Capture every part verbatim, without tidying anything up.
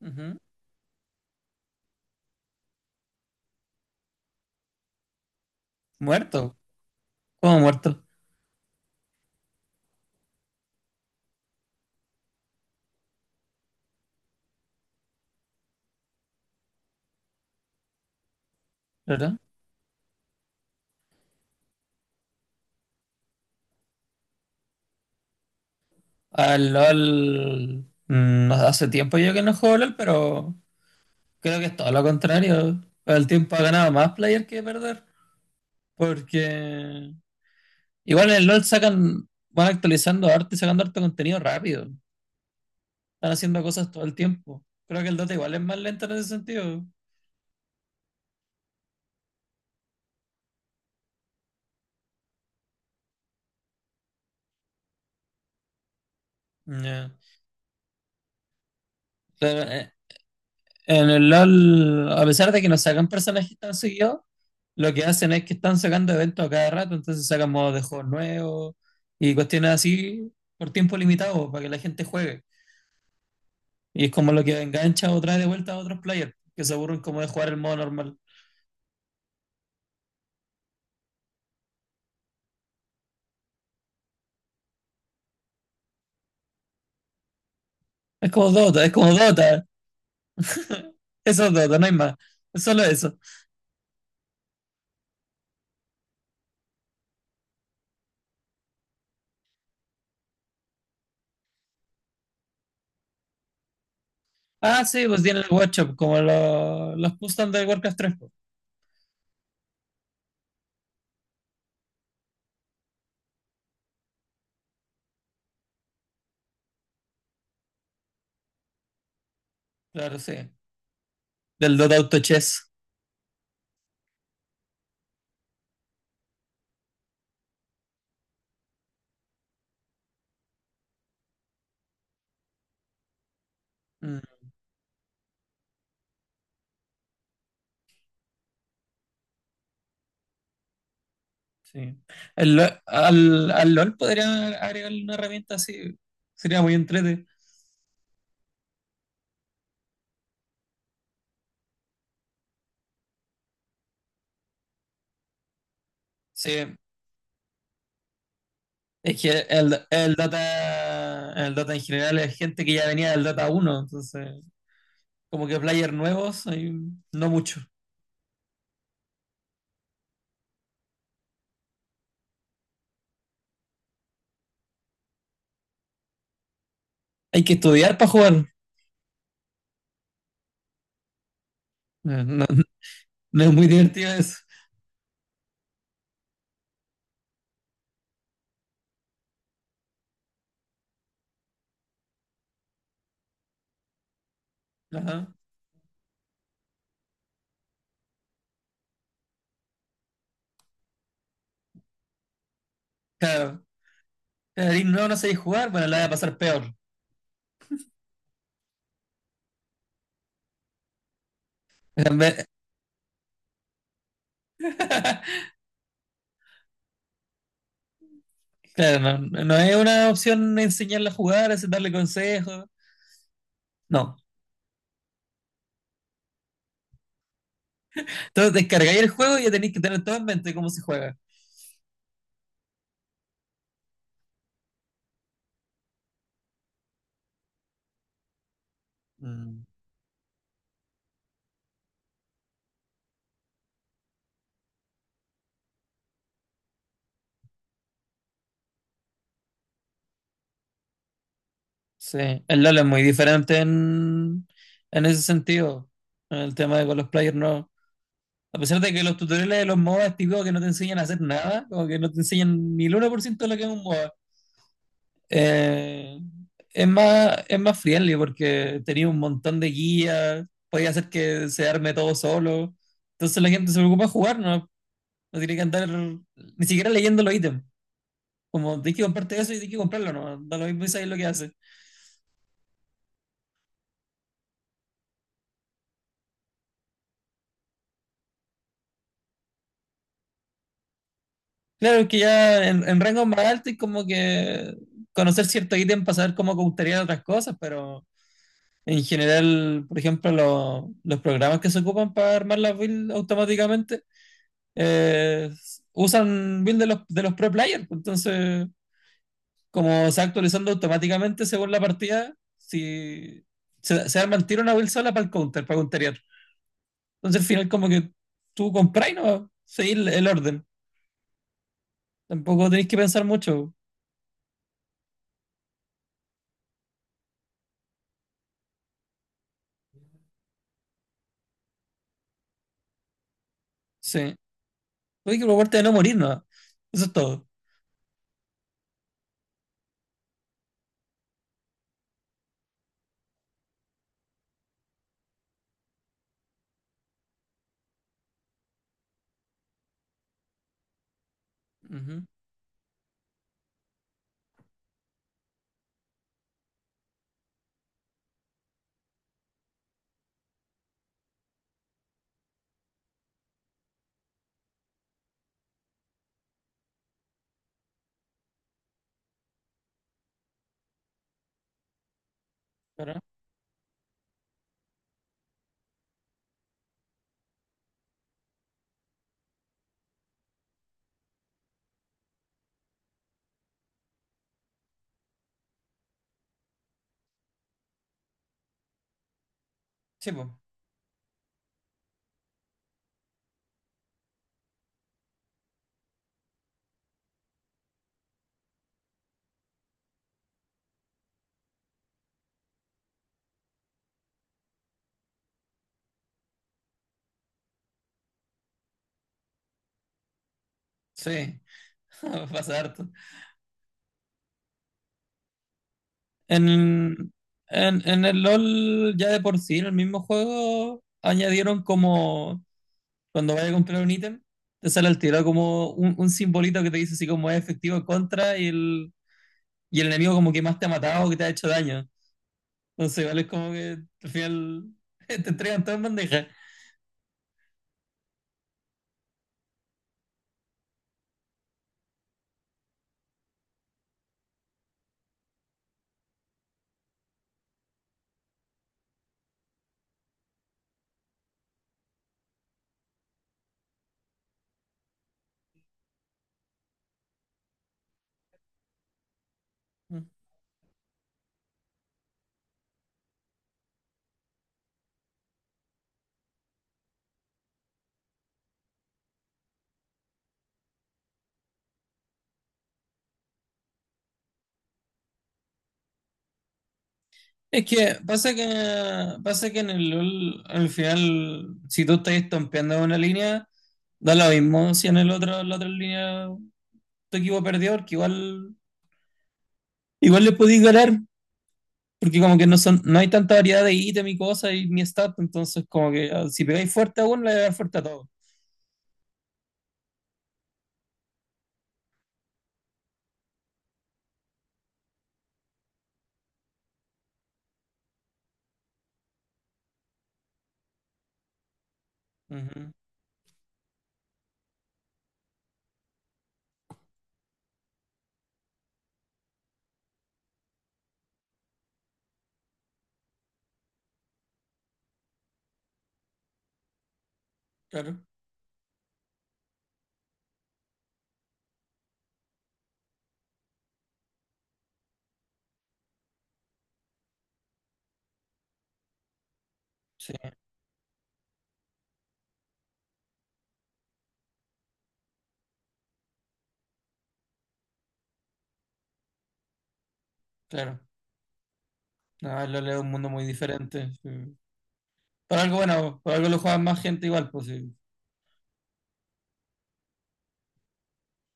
Ujú. Muerto. ¿Cómo muerto? ¿Verdad? Al LOL. Mm, no, hace tiempo yo que no juego LOL, pero creo que es todo lo contrario. El tiempo ha ganado más player que perder. Porque igual en el LOL sacan, van actualizando arte y sacando harto contenido rápido. Están haciendo cosas todo el tiempo. Creo que el Dota igual es más lento en ese sentido. Ya. Pero, eh, en el LOL, a pesar de que no sacan personajes tan seguidos, lo que hacen es que están sacando eventos a cada rato, entonces sacan modos de juegos nuevos y cuestiones así por tiempo limitado para que la gente juegue. Y es como lo que engancha o trae de vuelta a otros players que se aburren como de jugar el modo normal. Es como Dota, es como Dota. Eso es Dota, no hay más. Es solo eso. Ah, sí, pues tiene el workshop, como lo- los custom del Warcraft tres. Pues claro, sí. Del Dota Auto Chess. Mm, sí. El lo- al, al LOL podrían agregarle una herramienta así. Sería muy entrete. Sí. Es que el, el Dota, el Dota en general es gente que ya venía del Dota uno, entonces como que players nuevos, hay no mucho. Hay que estudiar para jugar. No, no- no es muy divertido eso. Ajá. Claro, claro, y no, no sabéis jugar, bueno, la voy a pasar peor. En vez- Claro, no, no es una opción enseñarla a jugar, es darle consejos. No. Entonces descargáis el juego y ya tenéis que tener todo en mente cómo se juega. Sí, el LoL es muy diferente en, en ese sentido. En el tema de con los players, no. A pesar de que los tutoriales de los MOBA es típico que no te enseñan a hacer nada, como que no te enseñan ni el uno por ciento de lo que es un MOBA. Eh, es más, es más friendly porque tenía un montón de guías, podía hacer que se arme todo solo. Entonces la gente se preocupa de jugar, ¿no? No tiene que andar ni siquiera leyendo los ítems. Como tienes que comprarte eso y tienes que comprarlo, ¿no? Da lo mismo y sabes lo que hace. Claro, que ya en, en rango más altos y como que conocer cierto ítem para saber cómo gustaría otras cosas, pero en general, por ejemplo, lo- los programas que se ocupan para armar las builds automáticamente eh, usan builds de los, de los pre-players. Pues entonces, como se va actualizando automáticamente según la partida, si se, se arma el tiro una build sola para el counter, para counterear. Entonces, al final, como que tú compras y no seguir el orden. Tampoco tenéis que pensar mucho. Sí. Hay que preocuparte de no morir, ¿no? Eso es todo. Ujú. Pero, sí, po. Sí, pasa harto. En, en, en el LOL, ya de por sí, en el mismo juego, añadieron como cuando vayas a comprar un ítem, te sale al tiro como un, un simbolito que te dice así como es efectivo en contra y el, y el enemigo como que más te ha matado o que te ha hecho daño. Entonces, igual es como que al final te entregan todo en bandeja. Es que pasa que pasa que en el LOL, al final, si tú estás estompeando una línea, da lo mismo si en el otro, la otra línea tu equipo perdió, porque igual, igual le podéis ganar, porque como que no son, no hay tanta variedad de ítem y cosas y ni stat, entonces como que ah, si pegáis fuerte a uno, le pegáis fuerte a todos. Ujú, claro, sí, claro. No, el LOL es un mundo muy diferente, sí. Por algo bueno, por algo lo juega más gente igual, pues sí.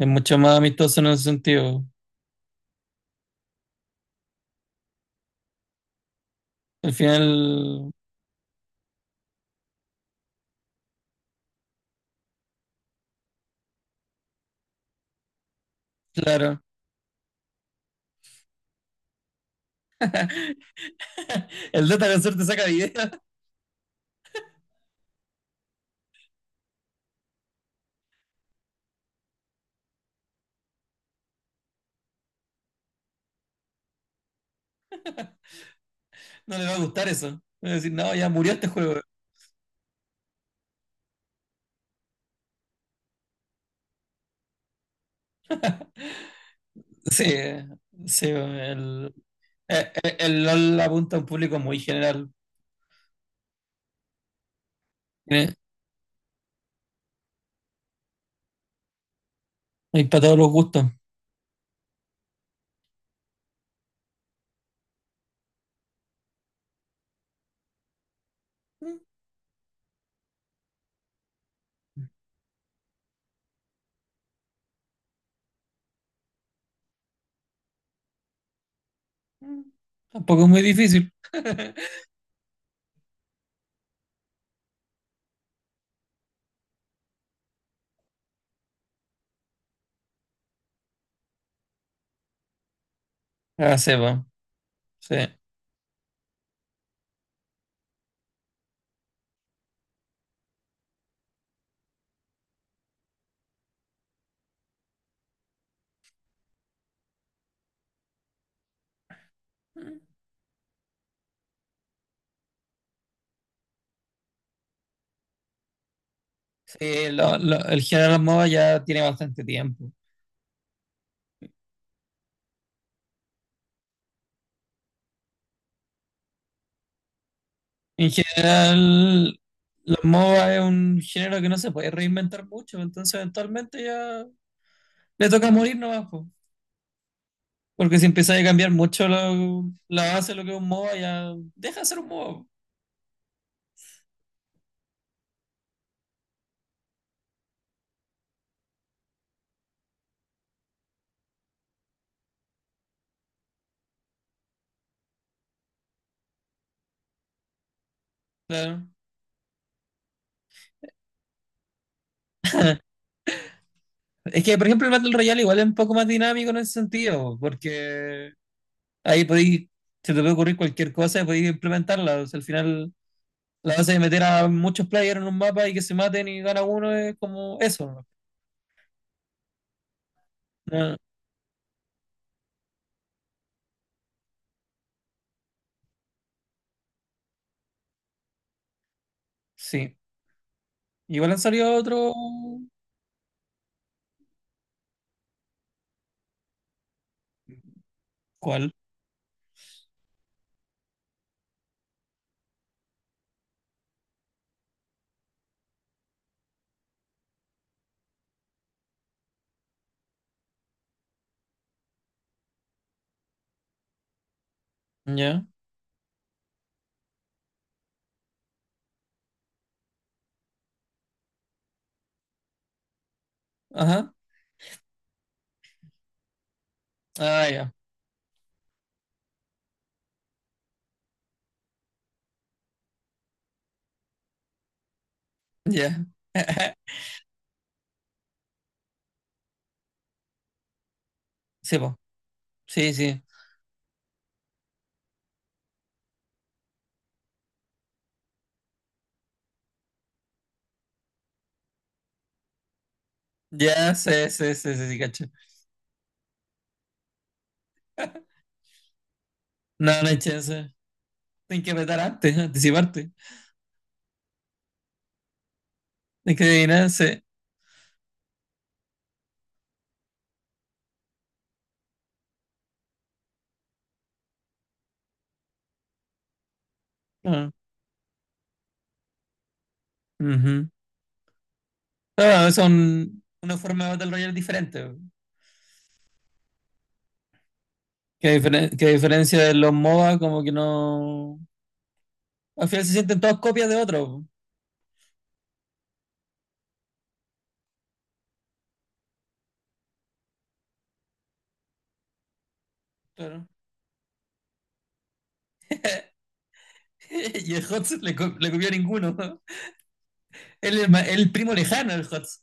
Es mucho más amistoso en ese sentido. Al final, claro, el Data con suerte saca video, no le va a gustar eso. Va a decir, no, ya murió este juego. Sí, sí, el, el, el LOL apunta a un público muy general. Eh, Hay para todos los gustos. Tampoco es muy difícil. Ah, sí, po, sí. Sí, lo- lo- el general MOBA ya tiene bastante tiempo. En general, los MOBA es un género que no se puede reinventar mucho, entonces eventualmente ya le toca morir nomás, po. Porque si empezáis a cambiar mucho la, la base de lo que es un MOBA, ya deja de ser un MOBA. Claro. Es que, por ejemplo, el Battle Royale igual es un poco más dinámico en ese sentido, porque ahí podéis, se te puede ocurrir cualquier cosa y podéis implementarla. O sea, al final, la base de meter a muchos players en un mapa y que se maten y gana uno es como eso, ¿no? Ah, sí. Igual han salido otro. ¿Cuál? ¿Ya? Ajá. Ah, ya. Ya. Sí, po. Sí, sí. Ya, sí, sí, sí, sí, sí, cacho. No, no hay chance. Tienes que apretar antes, anticiparte. Tienes que adivinar, sí. Ah, ujú. Claro, es una forma de Battle Royale diferente, po. Que, a diferen- que a diferencia de los MOBA, como que no. Al final se sienten todas copias de otro, ¿no? Claro. Y el HOTS le, co- le copió a ninguno, ¿no? Él es ma- el primo lejano del HOTS.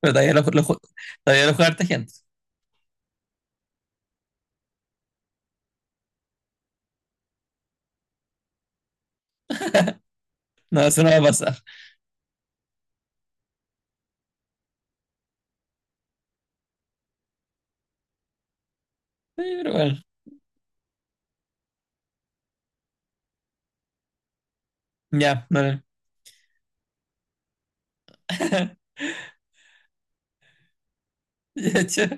Pero todavía lo, ju- lo ju- todavía lo juega harta gente. No, eso no va a pasar. Sí, pero bueno. Ya, no. Ya, chao.